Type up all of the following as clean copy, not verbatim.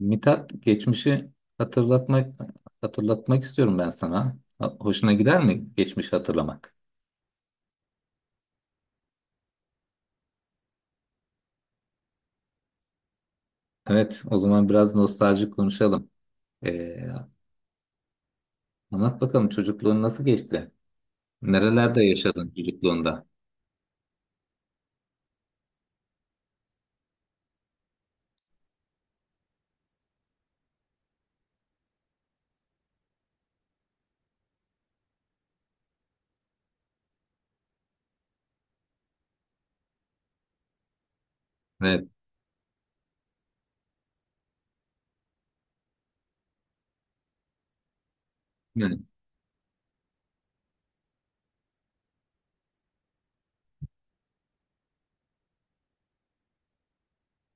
Mithat geçmişi hatırlatmak hatırlatmak istiyorum ben sana. Hoşuna gider mi geçmişi hatırlamak? Evet, o zaman biraz nostaljik konuşalım. Ee, anlat bakalım çocukluğun nasıl geçti? Nerelerde yaşadın çocukluğunda? Evet, yani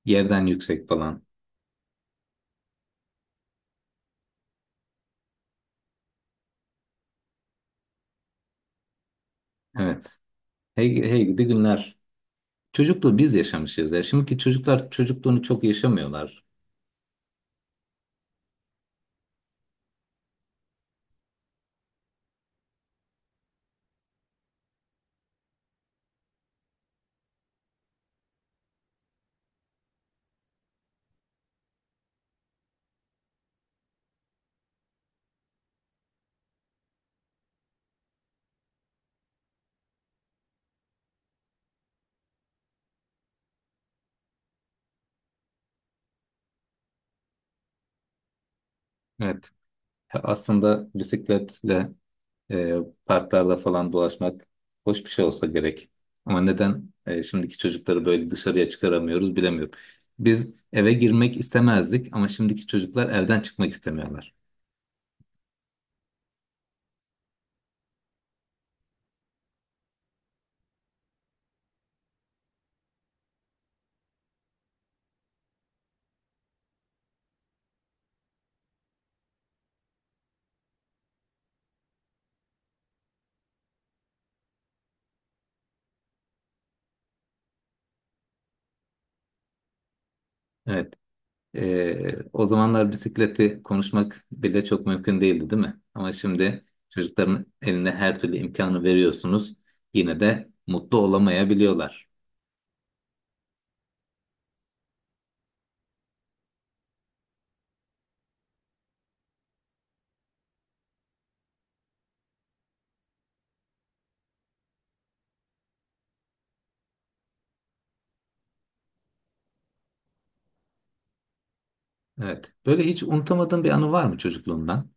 yerden yüksek falan. Evet. Hey, hey gidi günler. Çocukluğu biz yaşamışız ya. Şimdiki çocuklar çocukluğunu çok yaşamıyorlar. Evet. Aslında bisikletle E, parklarda falan dolaşmak hoş bir şey olsa gerek. Ama neden şimdiki çocukları böyle dışarıya çıkaramıyoruz bilemiyorum. Biz eve girmek istemezdik ama şimdiki çocuklar evden çıkmak istemiyorlar. Evet. O zamanlar bisikleti konuşmak bile çok mümkün değildi, değil mi? Ama şimdi çocukların eline her türlü imkanı veriyorsunuz. Yine de mutlu olamayabiliyorlar. Evet. Böyle hiç unutamadığın bir anı var mı çocukluğundan?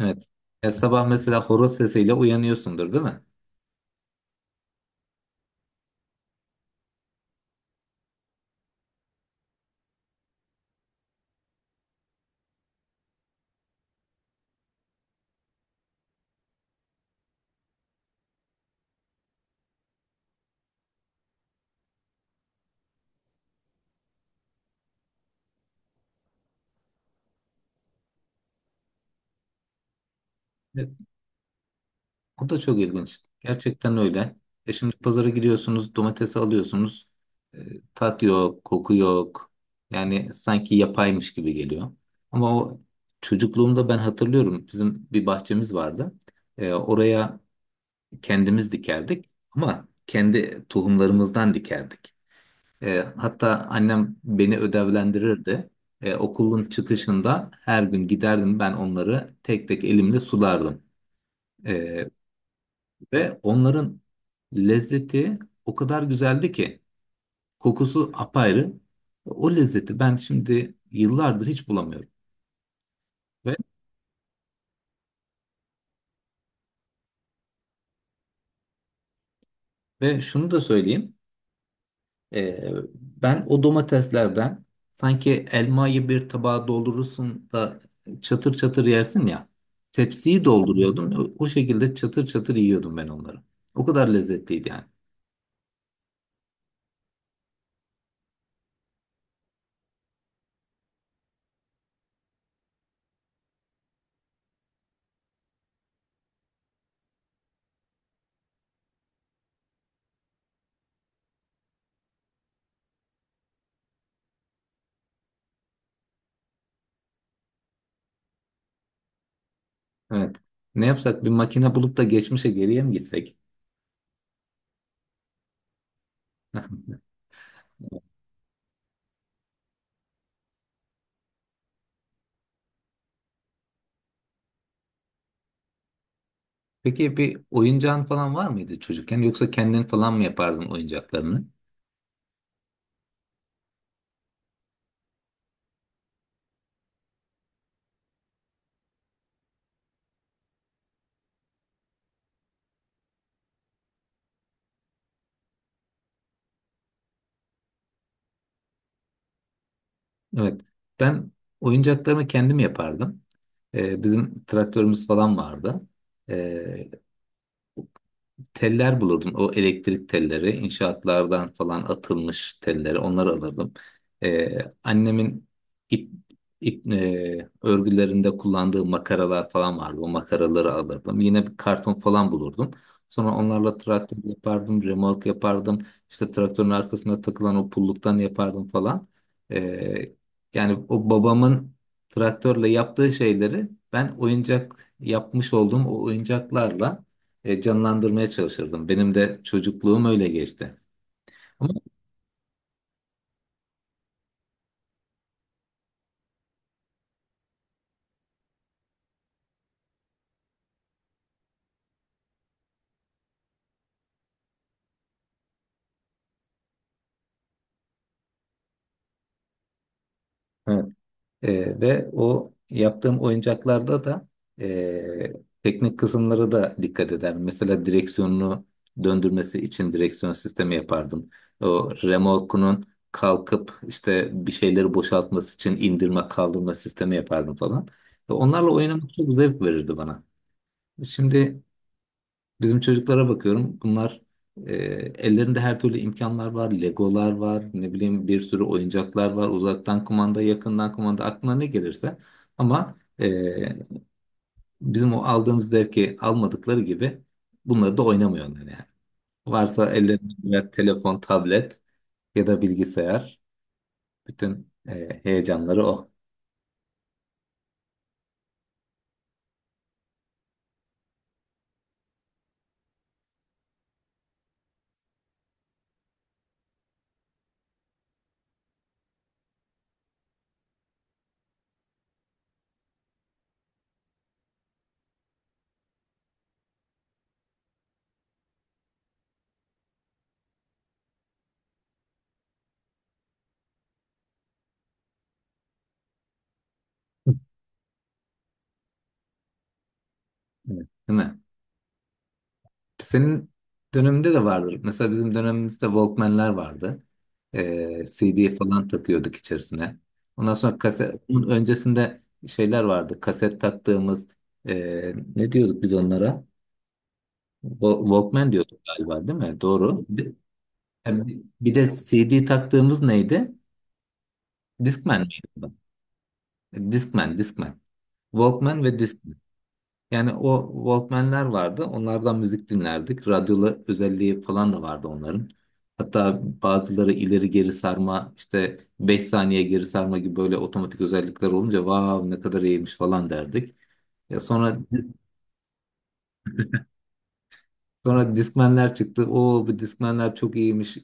Evet. Ya sabah mesela horoz sesiyle uyanıyorsundur, değil mi? O da çok ilginç. Gerçekten öyle. E şimdi pazara gidiyorsunuz, domatesi alıyorsunuz. E, tat yok, koku yok. Yani sanki yapaymış gibi geliyor. Ama o çocukluğumda ben hatırlıyorum. Bizim bir bahçemiz vardı. E, oraya kendimiz dikerdik. Ama kendi tohumlarımızdan dikerdik. E, hatta annem beni ödevlendirirdi. E, okulun çıkışında her gün giderdim ben onları tek tek elimle sulardım. E, ve onların lezzeti o kadar güzeldi ki kokusu apayrı. O lezzeti ben şimdi yıllardır hiç bulamıyorum. Ve, ve şunu da söyleyeyim. Ben o domateslerden sanki elmayı bir tabağa doldurursun da çatır çatır yersin ya. Tepsiyi dolduruyordum. O, o şekilde çatır çatır yiyordum ben onları. O kadar lezzetliydi yani. Evet. Ne yapsak bir makine bulup da geçmişe geriye mi gitsek? Peki bir oyuncağın falan var mıydı çocukken yoksa kendin falan mı yapardın oyuncaklarını? Evet. Ben Oyuncaklarımı kendim yapardım. Bizim traktörümüz falan vardı. Ee, Teller bulurdum. O elektrik telleri, inşaatlardan falan atılmış telleri, onları alırdım. Annemin ip, ip örgülerinde kullandığı makaralar falan vardı. O makaraları alırdım. Yine bir karton falan bulurdum. Sonra onlarla traktör yapardım, remork yapardım. İşte traktörün arkasına takılan o pulluktan yapardım falan. Ee, Yani o babamın traktörle yaptığı şeyleri ben oyuncak yapmış olduğum o oyuncaklarla canlandırmaya çalışırdım. Benim de çocukluğum öyle geçti. Ama evet, ve o yaptığım oyuncaklarda da e, teknik kısımlara da dikkat ederdim. Mesela direksiyonunu döndürmesi için direksiyon sistemi yapardım. O remorkunun kalkıp işte bir şeyleri boşaltması için indirme kaldırma sistemi yapardım falan. Ve onlarla oynamak çok zevk verirdi bana. Şimdi bizim çocuklara bakıyorum. Bunlar e, ellerinde her türlü imkanlar var. Legolar var. Ne bileyim bir sürü oyuncaklar var. Uzaktan kumanda, yakından kumanda aklına ne gelirse. Ama bizim o aldığımız zevki almadıkları gibi bunları da oynamıyorlar yani. Varsa ellerinde birer telefon, tablet ya da bilgisayar. Bütün heyecanları o. Evet. Değil mi? Senin döneminde de vardır. Mesela bizim dönemimizde Walkman'ler vardı. CD falan takıyorduk içerisine. Ondan sonra kaset, bunun öncesinde şeyler vardı. Kaset taktığımız ne diyorduk biz onlara? Walkman diyorduk galiba değil mi? Doğru. Bir, yani bir de CD taktığımız neydi? Discman miydi bu? Discman, Discman. Walkman ve Discman. Yani o Walkman'ler vardı. Onlardan müzik dinlerdik. Radyolu özelliği falan da vardı onların. Hatta bazıları ileri geri sarma işte 5 saniye geri sarma gibi böyle otomatik özellikler olunca vav ne kadar iyiymiş falan derdik. Ya sonra sonra Discman'ler çıktı. O bu Discman'ler çok iyiymiş.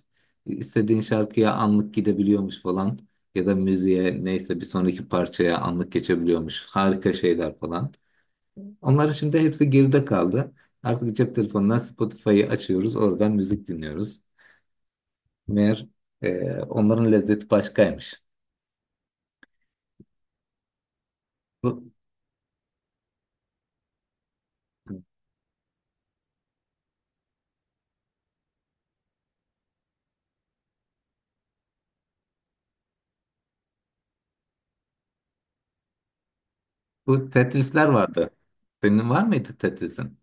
İstediğin şarkıya anlık gidebiliyormuş falan. Ya da müziğe neyse bir sonraki parçaya anlık geçebiliyormuş. Harika şeyler falan. Onlar şimdi hepsi geride kaldı. Artık cep telefonundan Spotify'ı açıyoruz, oradan müzik dinliyoruz. Meğer onların lezzeti başkaymış. Bu, bu Tetris'ler vardı. Senin var mıydı Tetris'in?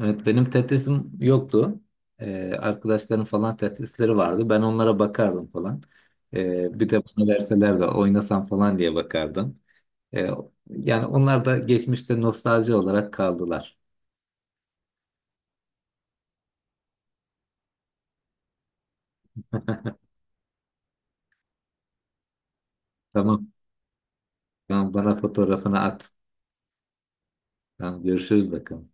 Evet, benim Tetris'im yoktu. E, arkadaşlarım falan Tetris'leri vardı. Ben onlara bakardım falan. E, bir de bana verseler de oynasam falan diye bakardım. E, Yani onlar da geçmişte nostalji olarak kaldılar. Tamam, tamam bana fotoğrafını at. Tamam görüşürüz bakalım.